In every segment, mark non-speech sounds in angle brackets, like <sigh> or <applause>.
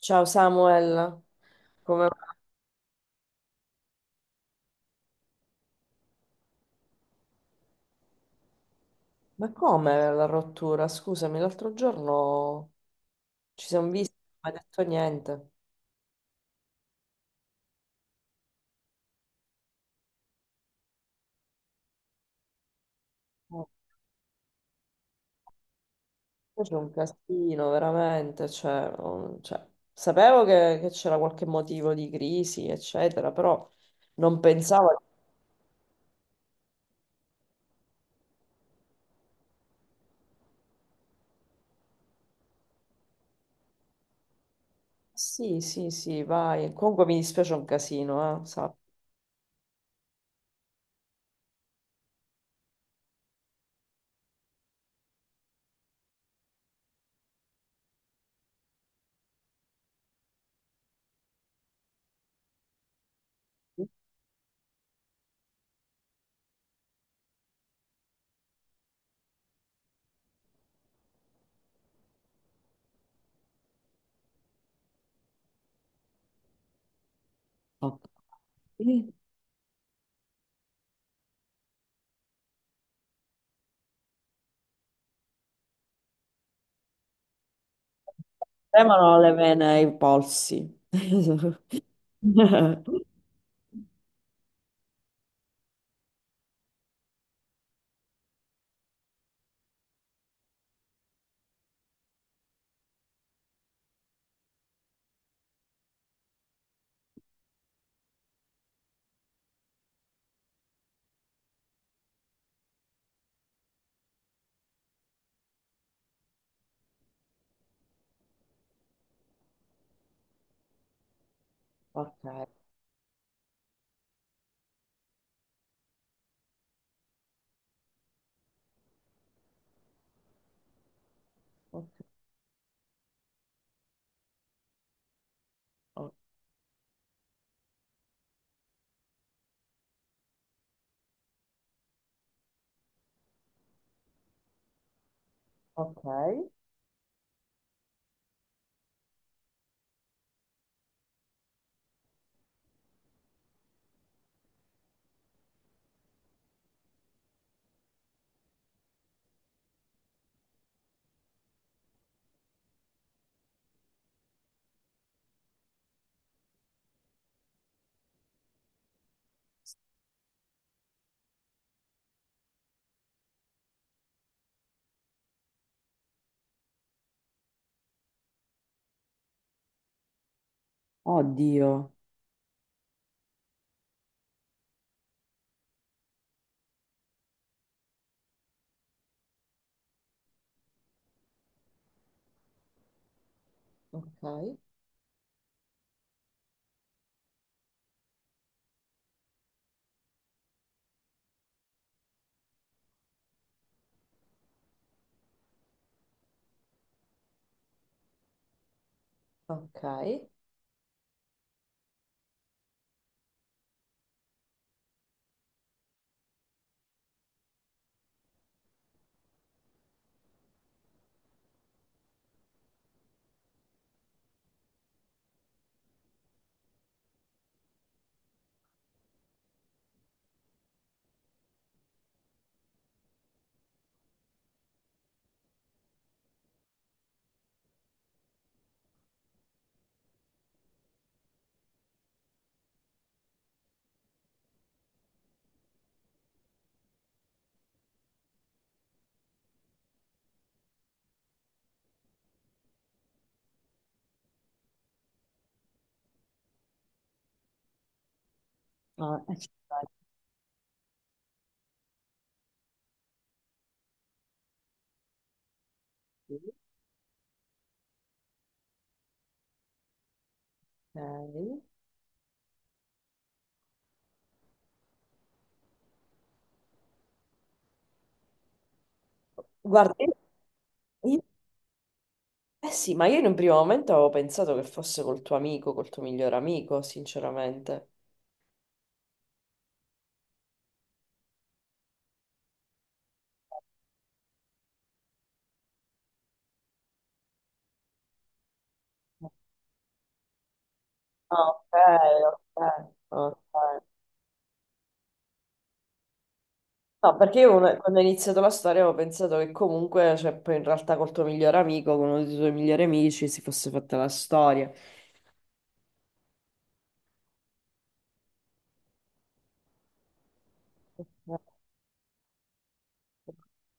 Ciao Samuel, come va? Ma come la rottura? Scusami, l'altro giorno ci siamo visti, non mi hai detto niente. Oh, poi c'è un casino, veramente. Cioè, cioè, sapevo che c'era qualche motivo di crisi, eccetera, però non pensavo. Sì, sì, sì, vai. Comunque mi dispiace un casino, sappi. Ok. Tremano le vene ai polsi. <laughs> Ok, ok. Ok, ok. Oddio. Ok, ok. Ah, sì. Ok. Guarda, io- eh sì, ma io in un primo momento avevo pensato che fosse col tuo amico, col tuo miglior amico, sinceramente. Ah, ok, ok, ok. No, perché io quando ho iniziato la storia avevo pensato che comunque, cioè, poi in realtà col tuo migliore amico, con uno dei tuoi migliori amici, si fosse fatta la storia. <laughs>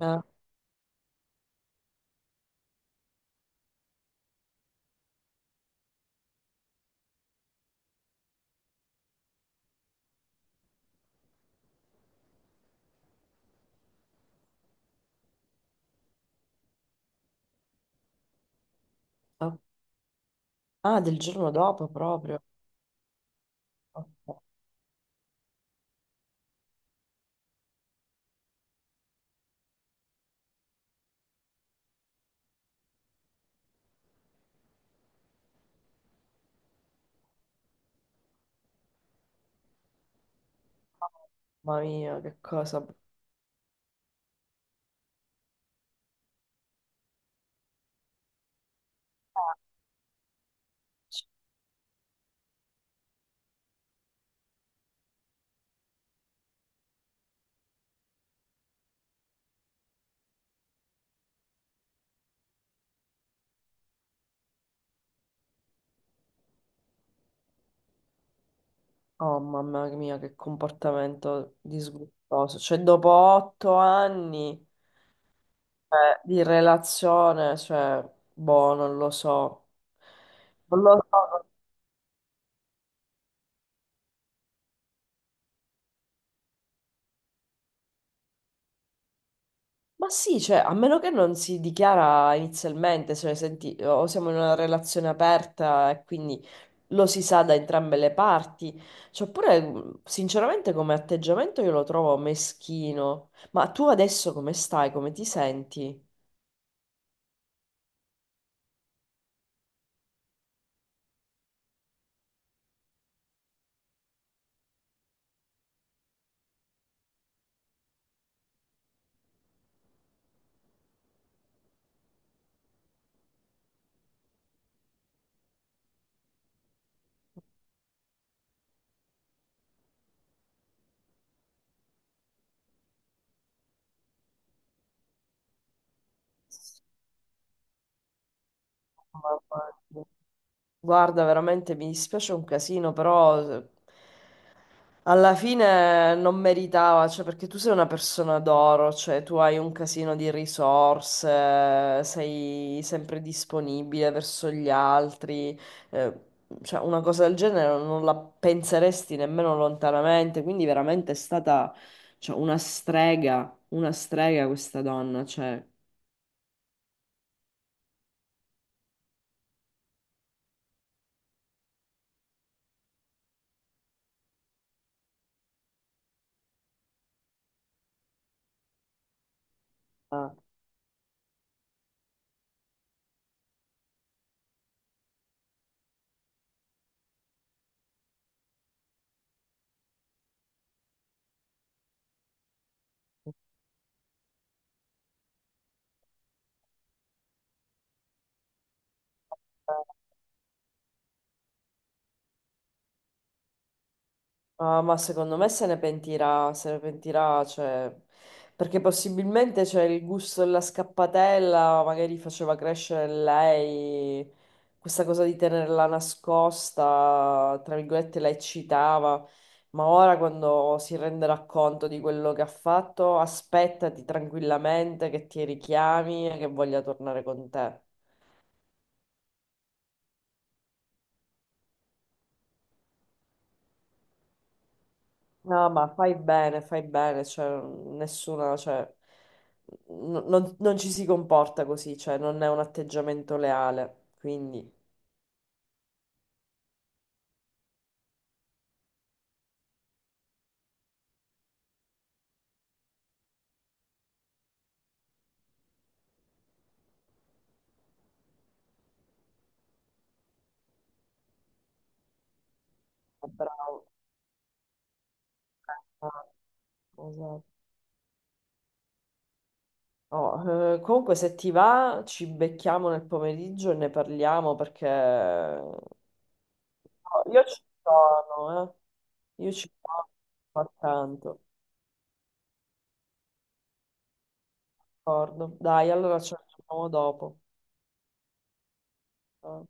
Ah, ah, del giorno dopo proprio. Ok. Mamma mia, che cosa. Oh, mamma mia, che comportamento disgustoso. Cioè, dopo 8 anni, di relazione, cioè, boh, non lo so. Non lo so. Ma sì, cioè, a meno che non si dichiara inizialmente, se ne senti, o siamo in una relazione aperta e quindi lo si sa da entrambe le parti. Cioè, oppure, sinceramente, come atteggiamento io lo trovo meschino. Ma tu adesso come stai? Come ti senti? Mamma mia. Guarda, veramente mi dispiace un casino, però alla fine non meritava, cioè perché tu sei una persona d'oro, cioè tu hai un casino di risorse, sei sempre disponibile verso gli altri, eh, cioè una cosa del genere non la penseresti nemmeno lontanamente, quindi veramente è stata, cioè, una strega questa donna, cioè... Ah. Ah, ma secondo me se ne pentirà, se ne pentirà, cioè, perché possibilmente c'è il gusto della scappatella, magari faceva crescere in lei questa cosa di tenerla nascosta, tra virgolette la eccitava, ma ora quando si renderà conto di quello che ha fatto, aspettati tranquillamente che ti richiami e che voglia tornare con te. No, ma fai bene, cioè, nessuna, cioè, non, non ci si comporta così, cioè, non è un atteggiamento leale, quindi... Bravo. Eh, esatto. Oh, comunque se ti va ci becchiamo nel pomeriggio e ne parliamo perché oh, io ci sono, eh. Io ci sono, ma tanto, d'accordo. Dai, allora ci aggiorniamo dopo. Eh.